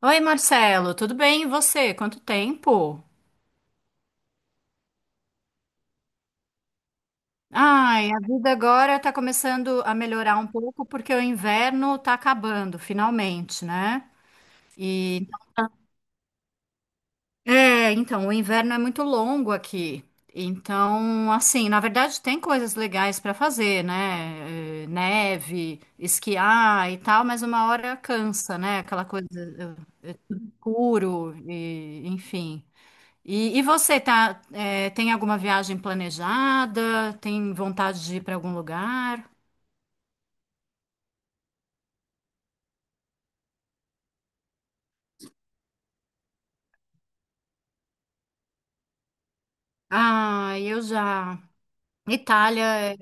Oi, Marcelo, tudo bem? E você? Quanto tempo? Ai, a vida agora tá começando a melhorar um pouco porque o inverno tá acabando, finalmente, né? E então, o inverno é muito longo aqui. Então, assim, na verdade tem coisas legais para fazer, né? Neve, esquiar e tal, mas uma hora cansa, né? Aquela coisa tudo escuro e enfim. E você tá, tem alguma viagem planejada? Tem vontade de ir para algum lugar? Ah, eu já. Itália. é-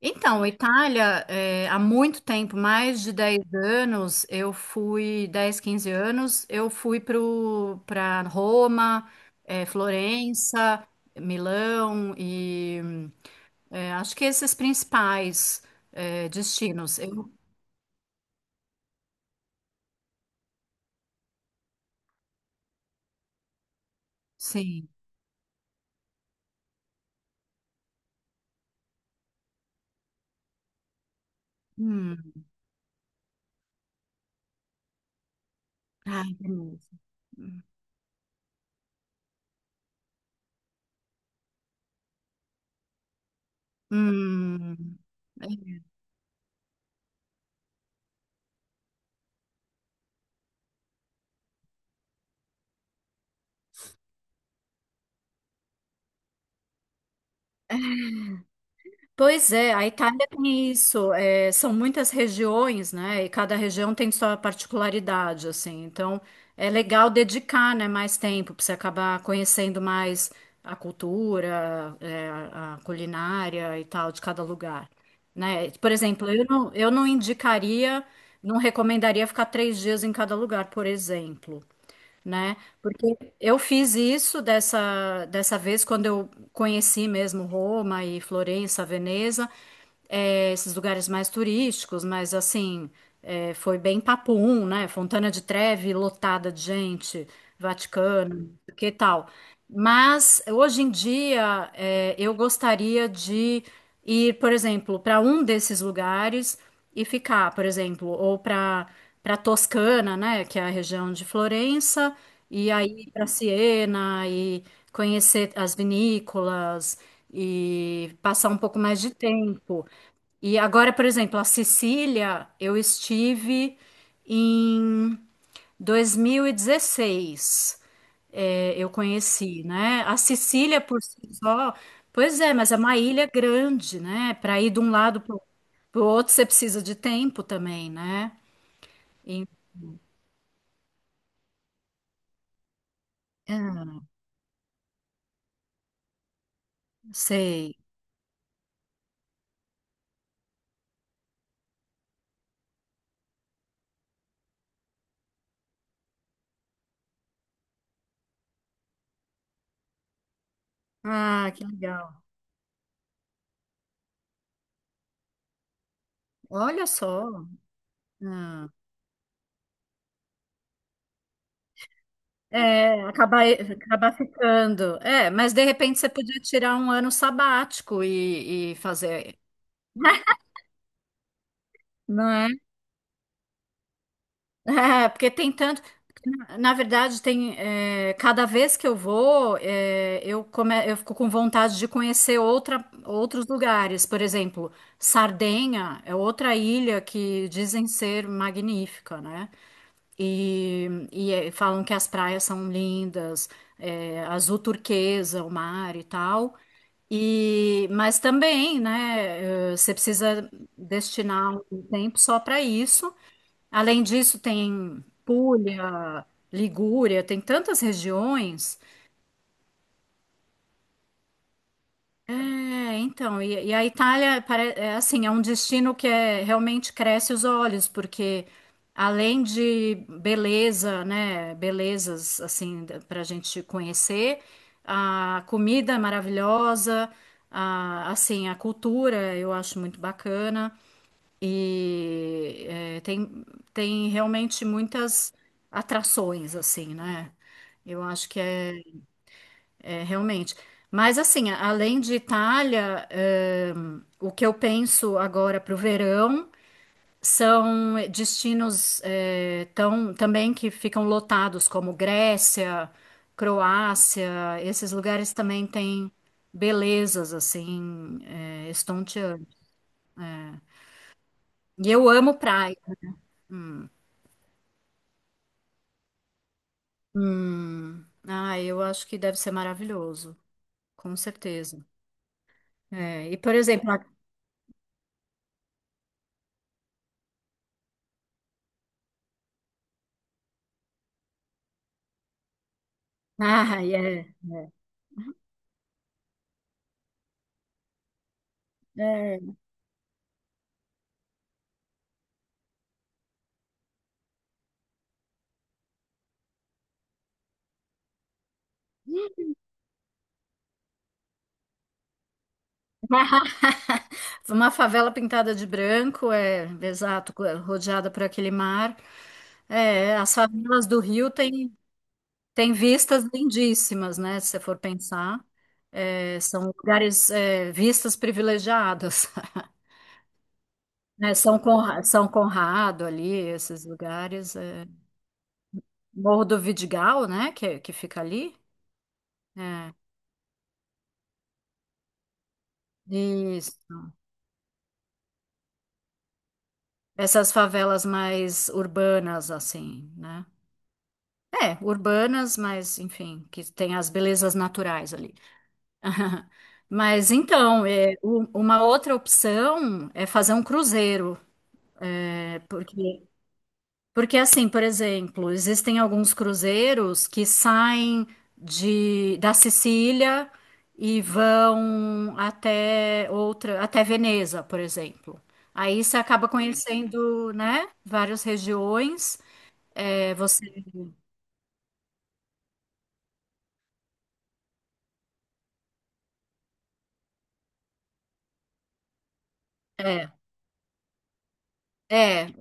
Então, Itália, há muito tempo, mais de 10 anos, eu fui, 10, 15 anos, para Roma, Florença, Milão e acho que esses principais destinos. Sim. Hum. Ai, que delícia. Hum. Pois é, a Itália tem isso, são muitas regiões, né? E cada região tem sua particularidade, assim. Então, é legal dedicar, né, mais tempo para você acabar conhecendo mais a cultura, a culinária e tal de cada lugar, né? Por exemplo, eu não indicaria, não recomendaria ficar três dias em cada lugar, por exemplo, né? Eu fiz isso dessa vez quando eu conheci mesmo Roma e Florença, Veneza esses lugares mais turísticos, mas assim, foi bem papum, né? Fontana de Trevi lotada de gente, Vaticano, que tal? Mas hoje em dia, eu gostaria de ir, por exemplo, para um desses lugares e ficar, por exemplo, ou para para Toscana, né, que é a região de Florença, e aí para Siena e conhecer as vinícolas e passar um pouco mais de tempo. E agora, por exemplo, a Sicília, eu estive em 2016, eu conheci, né? A Sicília por si só, pois é, mas é uma ilha grande, né? Para ir de um lado para o outro, você precisa de tempo também, né? E- ah, sei. Ah, que legal. Olha só. Ah, é, acabar ficando. É, mas de repente você podia tirar um ano sabático e fazer. Não é? É, porque tem tanto. Na verdade, tem. Cada vez que eu vou, eu fico com vontade de conhecer outros lugares. Por exemplo, Sardenha é outra ilha que dizem ser magnífica, né? E falam que as praias são lindas, azul turquesa, o mar e tal. E, mas também, né, você precisa destinar um tempo só para isso. Além disso, tem Puglia, Ligúria, tem tantas regiões. É, então, e a Itália é assim, é um destino que realmente cresce os olhos, porque além de beleza, né, belezas assim para a gente conhecer, a comida é maravilhosa, assim, a cultura eu acho muito bacana. E é, tem, tem realmente muitas atrações, assim, né? Eu acho que é realmente. Mas, assim, além de Itália, o que eu penso agora para o verão são destinos também que ficam lotados, como Grécia, Croácia, esses lugares também têm belezas, assim, estonteantes. E eu amo praia. Hum. Ah, eu acho que deve ser maravilhoso, com certeza. É, e, por exemplo, ah, é, é. Uma favela pintada de branco, é, exato, rodeada por aquele mar. É, as favelas do Rio têm têm vistas lindíssimas, né? Se você for pensar, é, são lugares, vistas privilegiadas. Né? São Conrado ali, esses lugares. É. Morro do Vidigal, né? Que fica ali. É. Isso. Essas favelas mais urbanas, assim, né? É, urbanas, mas enfim, que tem as belezas naturais ali. Mas então, uma outra opção é fazer um cruzeiro, é, porque, porque assim, por exemplo, existem alguns cruzeiros que saem da Sicília e vão até até Veneza, por exemplo. Aí você acaba conhecendo, né, várias regiões. É, você. É, é,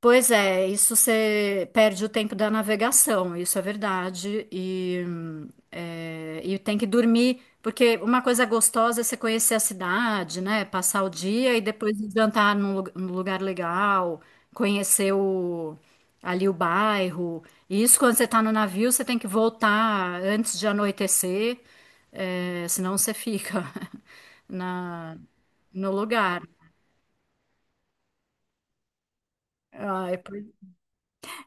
pois é, isso você perde o tempo da navegação, isso é verdade. E tem que dormir, porque uma coisa gostosa é você conhecer a cidade, né? Passar o dia e depois jantar num lugar legal, conhecer ali o bairro. E isso quando você está no navio, você tem que voltar antes de anoitecer, senão você fica na, no lugar. Ai,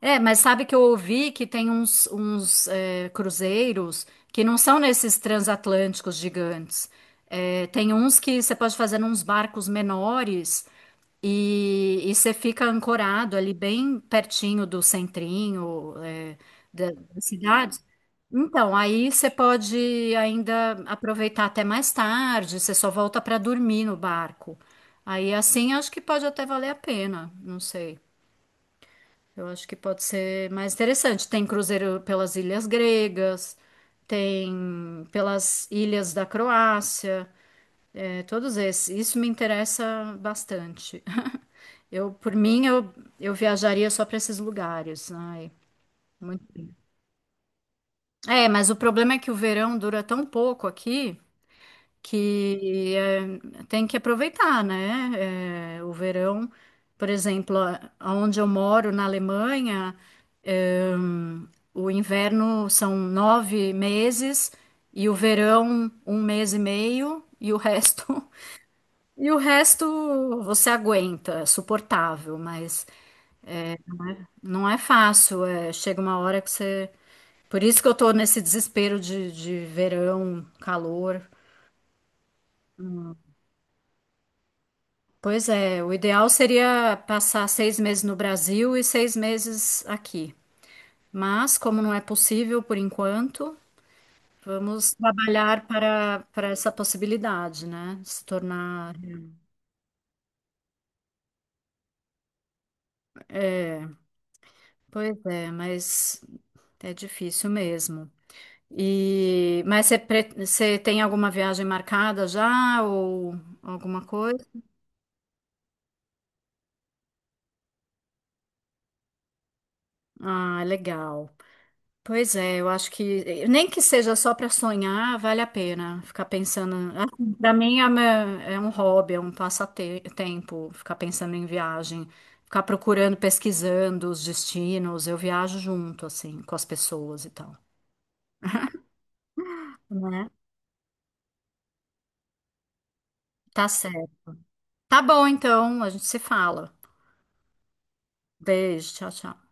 é, mas sabe que eu ouvi que tem cruzeiros que não são nesses transatlânticos gigantes. É, tem uns que você pode fazer uns barcos menores e você fica ancorado ali bem pertinho do centrinho, da cidade. Então, aí você pode ainda aproveitar até mais tarde, você só volta para dormir no barco. Aí assim acho que pode até valer a pena, não sei. Eu acho que pode ser mais interessante. Tem cruzeiro pelas ilhas gregas, tem pelas ilhas da Croácia, todos esses. Isso me interessa bastante. Eu, por mim, eu viajaria só para esses lugares. Ai, muito... É, mas o problema é que o verão dura tão pouco aqui que tem que aproveitar, né? Eh, o verão, por exemplo, a- aonde eu moro na Alemanha, eh, o inverno são nove meses e o verão um mês e meio e o resto e o resto você aguenta, é suportável, mas não é fácil. Chega uma hora que você por isso que eu tô nesse desespero de verão, calor. Pois é, o ideal seria passar seis meses no Brasil e seis meses aqui. Mas, como não é possível por enquanto, vamos trabalhar para essa possibilidade, né? De se tornar. Pois é, mas é difícil mesmo. E, mas você tem alguma viagem marcada já ou alguma coisa? Ah, legal. Pois é, eu acho que nem que seja só para sonhar, vale a pena ficar pensando. Para mim é um hobby, é um passatempo, ficar pensando em viagem, ficar procurando, pesquisando os destinos. Eu viajo junto, assim, com as pessoas e tal. Né? Tá certo. Tá bom, então, a gente se fala. Beijo, tchau, tchau.